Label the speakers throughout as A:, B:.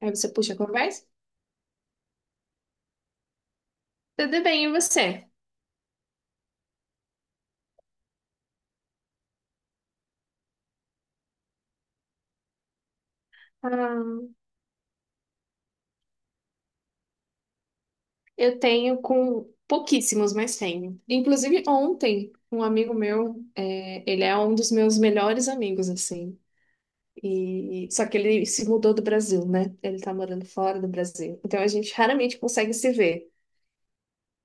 A: Aí você puxa a conversa. Tudo bem, e você? Ah, eu tenho com pouquíssimos, mas tenho. Inclusive, ontem, um amigo meu, ele é um dos meus melhores amigos, assim. E, só que ele se mudou do Brasil, né? Ele tá morando fora do Brasil. Então a gente raramente consegue se ver.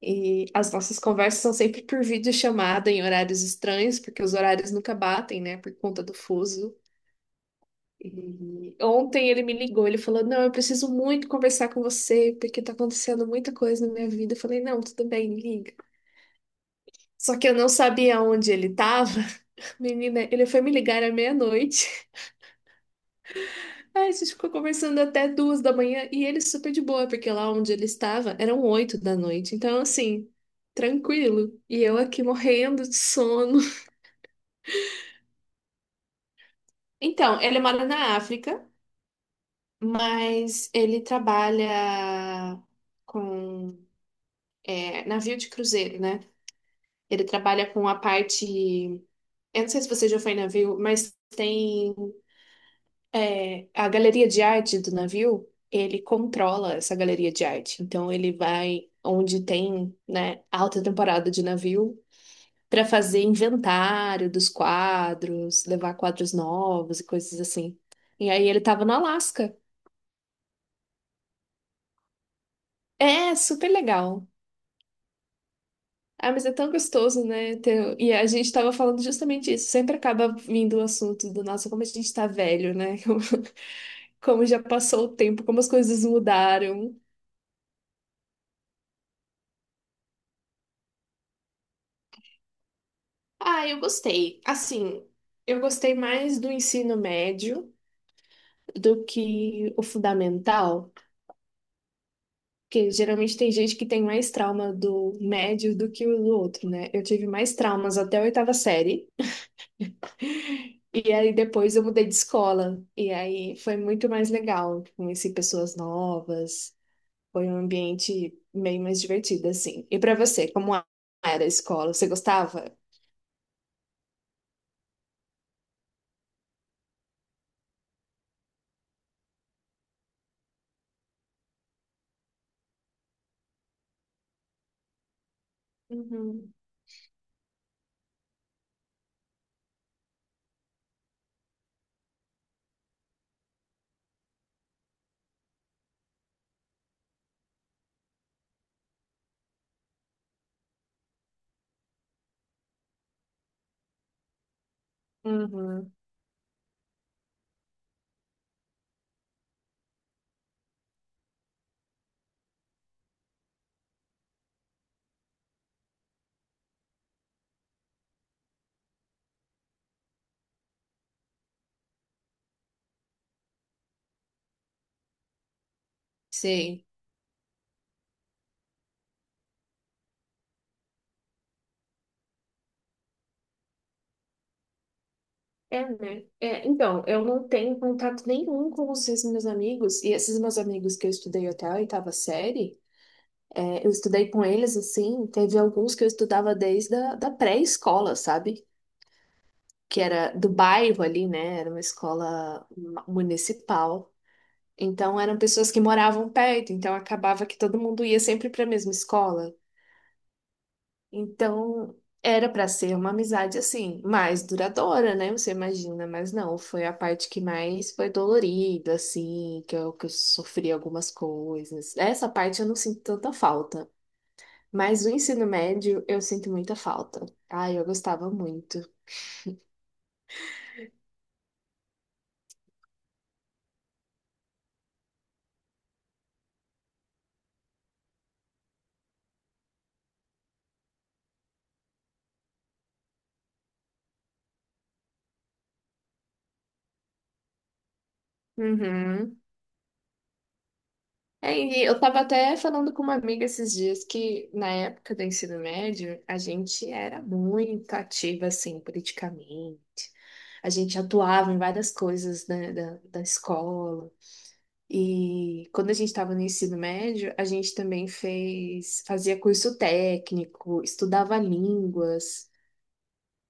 A: E as nossas conversas são sempre por videochamada em horários estranhos, porque os horários nunca batem, né? Por conta do fuso. E ontem ele me ligou, ele falou: Não, eu preciso muito conversar com você, porque tá acontecendo muita coisa na minha vida. Eu falei: Não, tudo bem, liga. Só que eu não sabia onde ele tava. Menina, ele foi me ligar à meia-noite. Aí a gente ficou conversando até 2 da manhã e ele super de boa, porque lá onde ele estava eram 8 da noite. Então, assim, tranquilo. E eu aqui morrendo de sono. Então, ele mora na África, mas ele trabalha com navio de cruzeiro, né? Ele trabalha com a parte. Eu não sei se você já foi em navio, mas tem a galeria de arte do navio, ele controla essa galeria de arte. Então ele vai onde tem, né, alta temporada de navio para fazer inventário dos quadros, levar quadros novos e coisas assim. E aí ele tava no Alasca. É super legal. Ah, mas é tão gostoso, né? E a gente tava falando justamente isso. Sempre acaba vindo o assunto do nossa, como a gente tá velho, né? Como já passou o tempo, como as coisas mudaram. Ah, eu gostei. Assim, eu gostei mais do ensino médio do que o fundamental, porque geralmente tem gente que tem mais trauma do médio do que o do outro, né? Eu tive mais traumas até a oitava série. E aí depois eu mudei de escola. E aí foi muito mais legal. Conheci pessoas novas. Foi um ambiente meio mais divertido, assim. E pra você, como era a escola? Você gostava? Uhum. Uhum, sei. É, né? É, então, eu não tenho contato nenhum com os esses meus amigos, e esses meus amigos que eu estudei até a oitava série, eu estudei com eles assim, teve alguns que eu estudava desde a da pré-escola, sabe? Que era do bairro ali, né? Era uma escola municipal. Então eram pessoas que moravam perto, então acabava que todo mundo ia sempre para a mesma escola. Então era para ser uma amizade assim, mais duradoura, né? Você imagina, mas não, foi a parte que mais foi dolorida, assim, que eu sofri algumas coisas. Essa parte eu não sinto tanta falta. Mas o ensino médio eu sinto muita falta. Ai, eu gostava muito. Uhum. É, e eu tava até falando com uma amiga esses dias que na época do ensino médio a gente era muito ativa assim politicamente. A gente atuava em várias coisas, né, da escola. E quando a gente estava no ensino médio, a gente também fazia curso técnico, estudava línguas.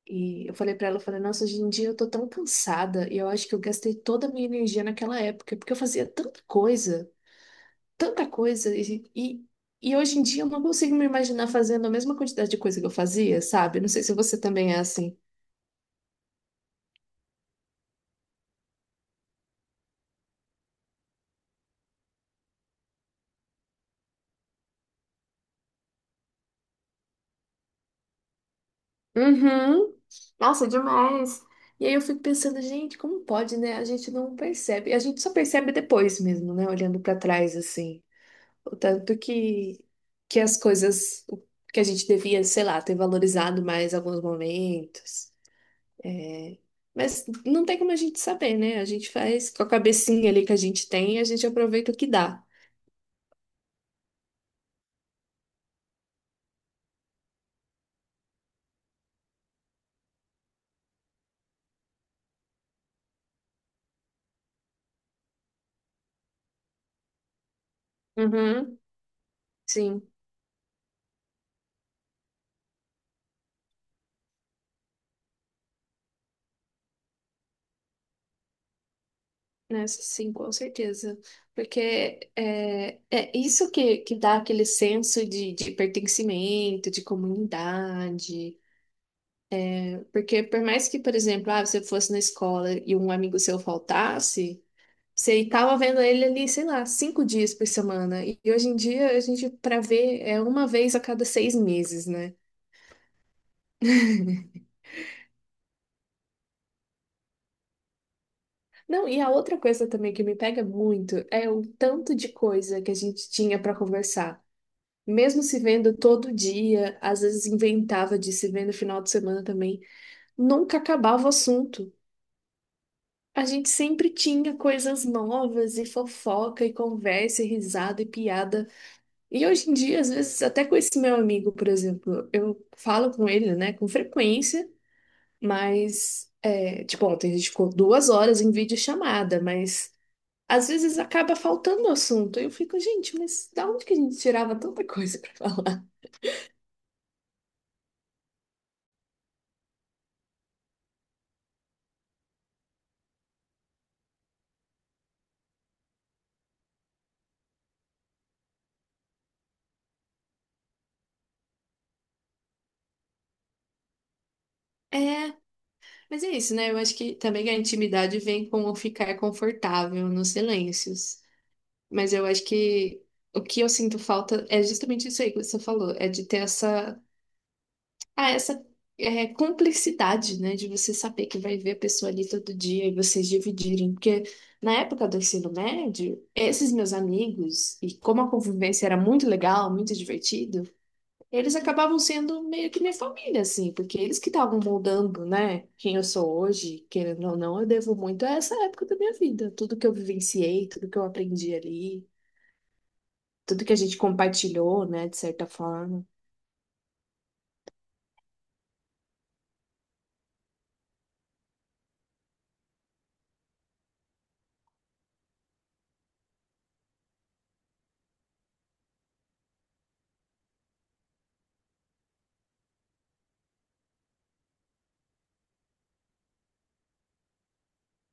A: E eu falei pra ela, eu falei, nossa, hoje em dia eu tô tão cansada e eu acho que eu gastei toda a minha energia naquela época, porque eu fazia tanta coisa e hoje em dia eu não consigo me imaginar fazendo a mesma quantidade de coisa que eu fazia, sabe? Não sei se você também é assim. Uhum. Nossa, demais. E aí eu fico pensando, gente, como pode, né? A gente não percebe. A gente só percebe depois mesmo, né? Olhando pra trás assim. O tanto que as coisas que a gente devia, sei lá, ter valorizado mais alguns momentos, né? Mas não tem como a gente saber, né? A gente faz com a cabecinha ali que a gente tem, a gente aproveita o que dá. Uhum, sim, nessa sim, com certeza. Porque é isso que dá aquele senso de pertencimento, de comunidade. Porque por mais que, por exemplo, ah, você fosse na escola e um amigo seu faltasse, você estava vendo ele ali, sei lá, 5 dias por semana. E hoje em dia a gente, para ver, é uma vez a cada 6 meses, né? Não, e a outra coisa também que me pega muito é o tanto de coisa que a gente tinha para conversar. Mesmo se vendo todo dia, às vezes inventava de se ver no final de semana também, nunca acabava o assunto. A gente sempre tinha coisas novas e fofoca e conversa e risada e piada. E hoje em dia, às vezes, até com esse meu amigo, por exemplo, eu falo com ele, né, com frequência, mas, tipo, ontem a gente ficou 2 horas em videochamada, mas às vezes acaba faltando assunto. Eu fico, gente, mas da onde que a gente tirava tanta coisa pra falar? É, mas é isso, né? Eu acho que também a intimidade vem com o ficar confortável nos silêncios. Mas eu acho que o que eu sinto falta é justamente isso aí que você falou, é de ter essa cumplicidade, né? De você saber que vai ver a pessoa ali todo dia e vocês dividirem. Porque na época do ensino médio, esses meus amigos, e como a convivência era muito legal, muito divertido, eles acabavam sendo meio que minha família, assim, porque eles que estavam moldando, né, quem eu sou hoje, querendo ou não, eu devo muito a essa época da minha vida. Tudo que eu vivenciei, tudo que eu aprendi ali, tudo que a gente compartilhou, né, de certa forma.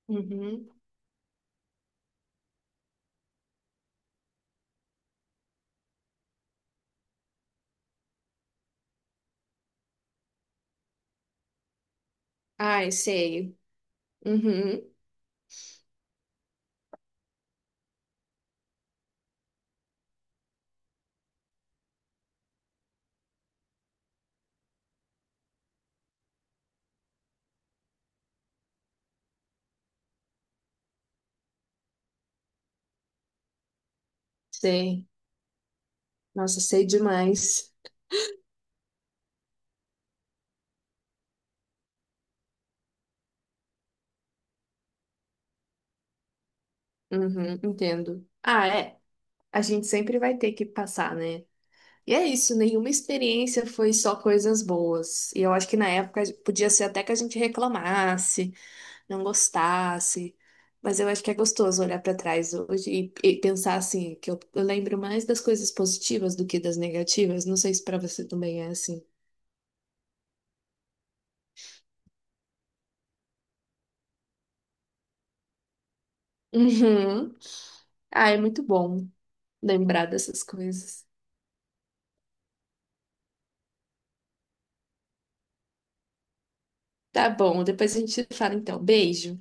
A: Uhum. Ai, sei. Uhum. Sei. Nossa, sei demais. Uhum, entendo. Ah, é. A gente sempre vai ter que passar, né? E é isso, nenhuma experiência foi só coisas boas. E eu acho que na época podia ser até que a gente reclamasse, não gostasse. Mas eu acho que é gostoso olhar para trás hoje e pensar assim, que eu lembro mais das coisas positivas do que das negativas. Não sei se para você também é assim. Uhum. Ah, é muito bom lembrar dessas coisas. Tá bom, depois a gente fala então. Beijo.